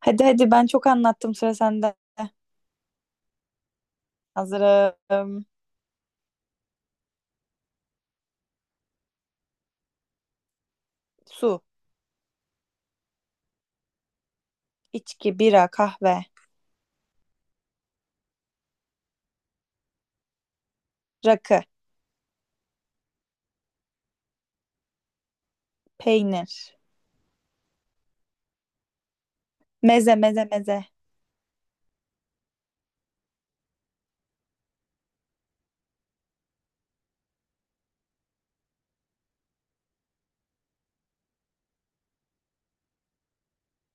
Hadi hadi ben çok anlattım, sıra sende. Hazırım. Su, içki, bira, kahve, rakı, peynir, meze meze meze,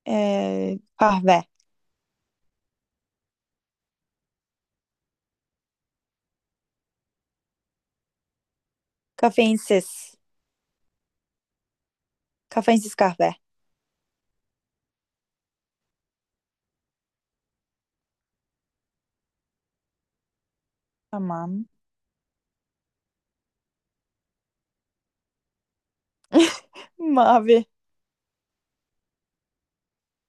kahve, kafeinsiz, kafeinsiz kahve. Tamam. Mavi,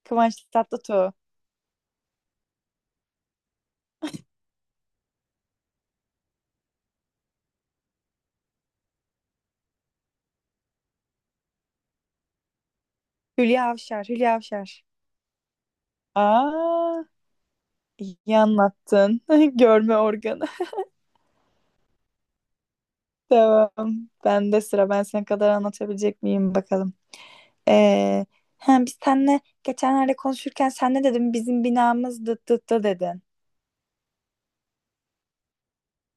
Kıvanç Tatlıtuğ, Hülya Avşar, Hülya Avşar. Aa, iyi anlattın. Görme organı. Tamam. Ben de sıra. Ben sana kadar anlatabilecek miyim bakalım. Ee, Hem biz seninle geçenlerde konuşurken sen ne dedin? Bizim binamız dıt dıt dı dedin.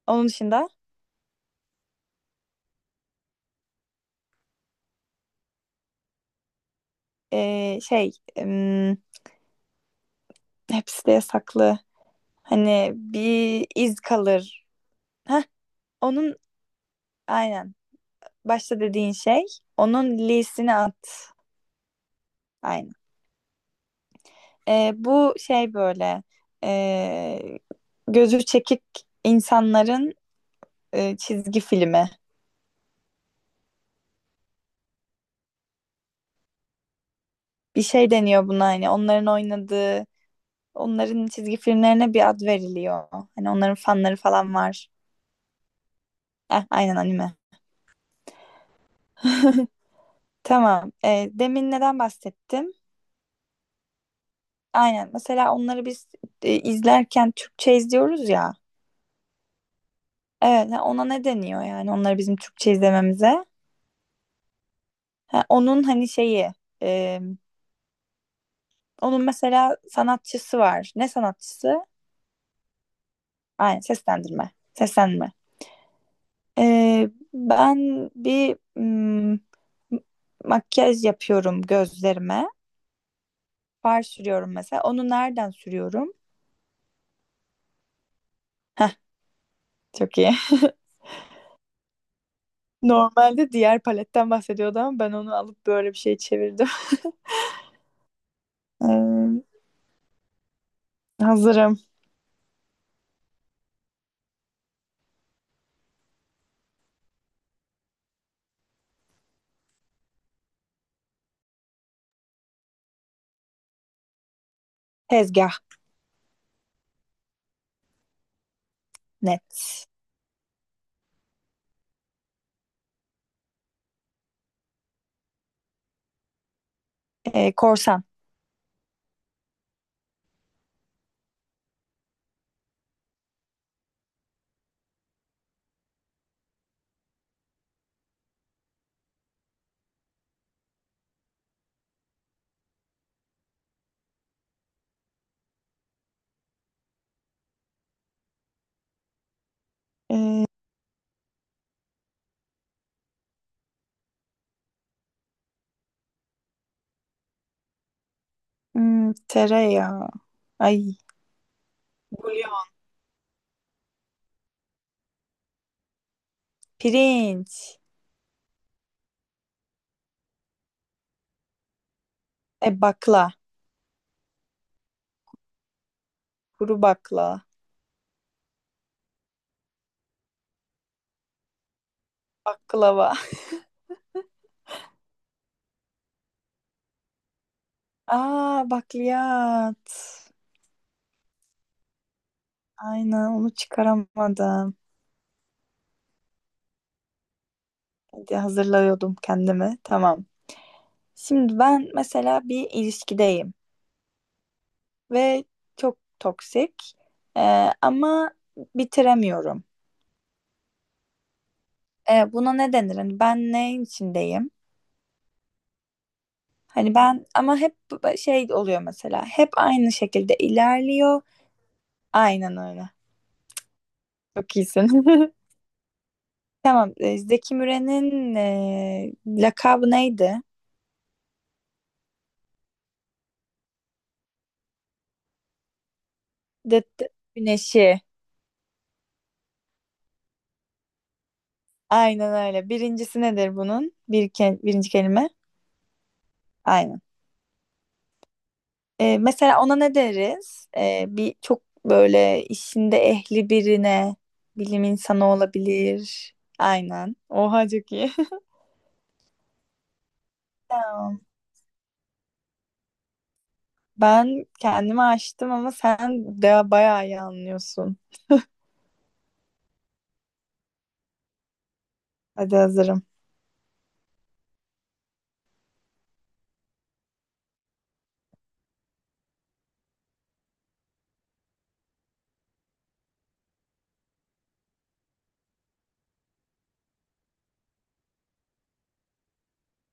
Onun dışında ee, şey em, hepsi de yasaklı. Hani bir iz kalır. Heh, onun aynen başta dediğin şey, onun lisini at. Aynen. Bu şey böyle ee, gözü çekik insanların çizgi filmi. Bir şey deniyor buna, hani onların oynadığı. Onların çizgi filmlerine bir ad veriliyor. Hani onların fanları falan var. Aynen, anime. Tamam. Demin neden bahsettim? Aynen. Mesela onları biz izlerken Türkçe izliyoruz ya. Evet, ha, ona ne deniyor yani onları bizim Türkçe izlememize? Ha, onun hani şeyi, e, onun mesela sanatçısı var. Ne sanatçısı? Aynen, seslendirme. Seslendirme. Ben bir makyaj yapıyorum gözlerime. Far sürüyorum mesela. Onu nereden sürüyorum? Heh, çok iyi. Normalde diğer paletten bahsediyordu ama ben onu alıp böyle bir şey çevirdim. Hazırım. Tezgah. Net. Korsan. Hmm, tereyağı. Ay. Bulyon. Pirinç. Bakla. Kuru bakla. Baklava. Aa, bakliyat. Aynen, onu çıkaramadım. Hadi, hazırlıyordum kendimi. Tamam. Şimdi ben mesela bir ilişkideyim ve çok toksik. Ama bitiremiyorum. Buna ne denir? Hani ben neyin içindeyim? Hani ben ama hep şey oluyor mesela. Hep aynı şekilde ilerliyor. Aynen öyle. Çok iyisin. Tamam. Zeki Müren'in lakabı neydi? Dıt dıt güneşi. Aynen öyle. Birincisi nedir bunun? Birinci kelime. Aynen. Mesela ona ne deriz? Bir çok böyle işinde ehli birine, bilim insanı olabilir. Aynen. Oha, çok iyi. Tamam. Ben kendimi açtım ama sen de bayağı iyi anlıyorsun. Hadi, hazırım.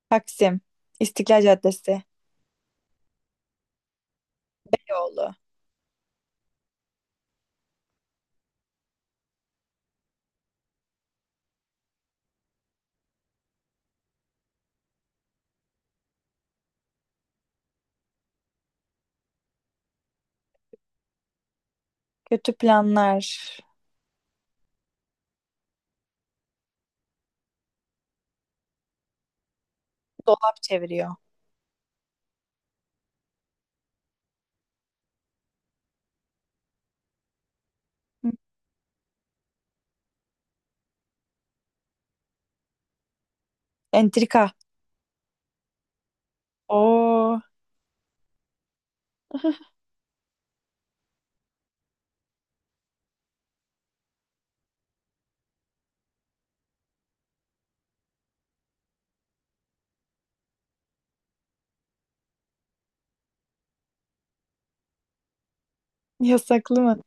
Taksim, İstiklal Caddesi, yolu, kötü planlar, dolap çeviriyor. Hı. Entrika. Oo, yasaklı mı?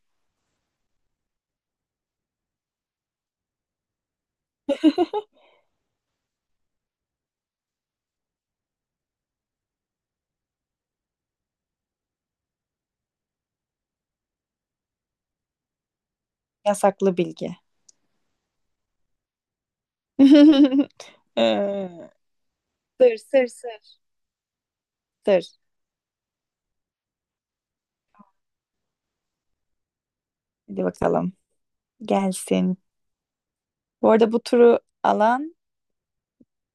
Yasaklı bilgi. Ee, Sır, sır, sır. Sır. Hadi bakalım. Gelsin. Bu arada bu turu alan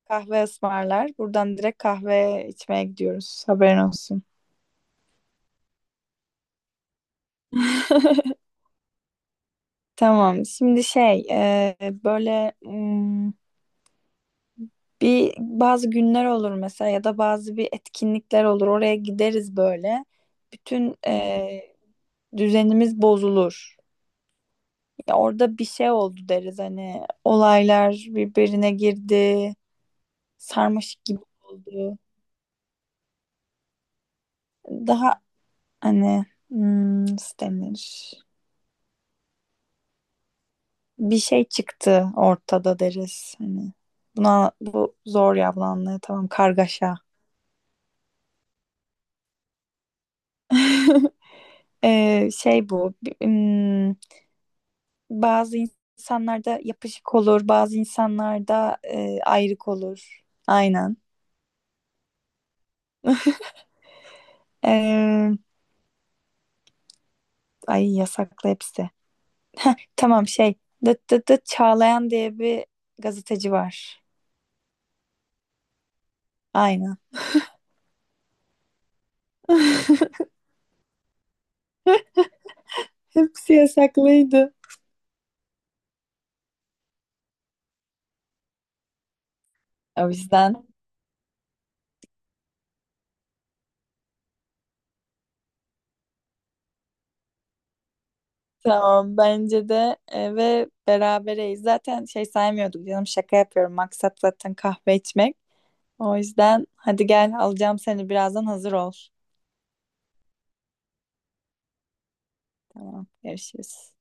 kahve ısmarlar. Buradan direkt kahve içmeye gidiyoruz. Haberin olsun. Tamam. Böyle bir bazı günler olur mesela ya da bazı bir etkinlikler olur. Oraya gideriz böyle. Bütün düzenimiz bozulur. Ya orada bir şey oldu deriz, hani olaylar birbirine girdi, sarmaşık gibi oldu. Daha, hani, nasıl denir? Bir şey çıktı ortada deriz. Hani buna bu zor ya, tamam, kargaşa. Ee, şey bu. bi- hmm, Bazı insanlarda yapışık olur, bazı insanlarda ayrık olur. Aynen. Ee, Ay, yasaklı hepsi. Tamam şey. Dıt dıt dıt Çağlayan diye bir gazeteci var. Aynen. Hepsi yasaklıydı. O yüzden. Tamam bence de ve berabereyiz. Zaten şey saymıyorduk canım, şaka yapıyorum. Maksat zaten kahve içmek. O yüzden hadi gel, alacağım seni birazdan, hazır ol. Tamam, görüşürüz.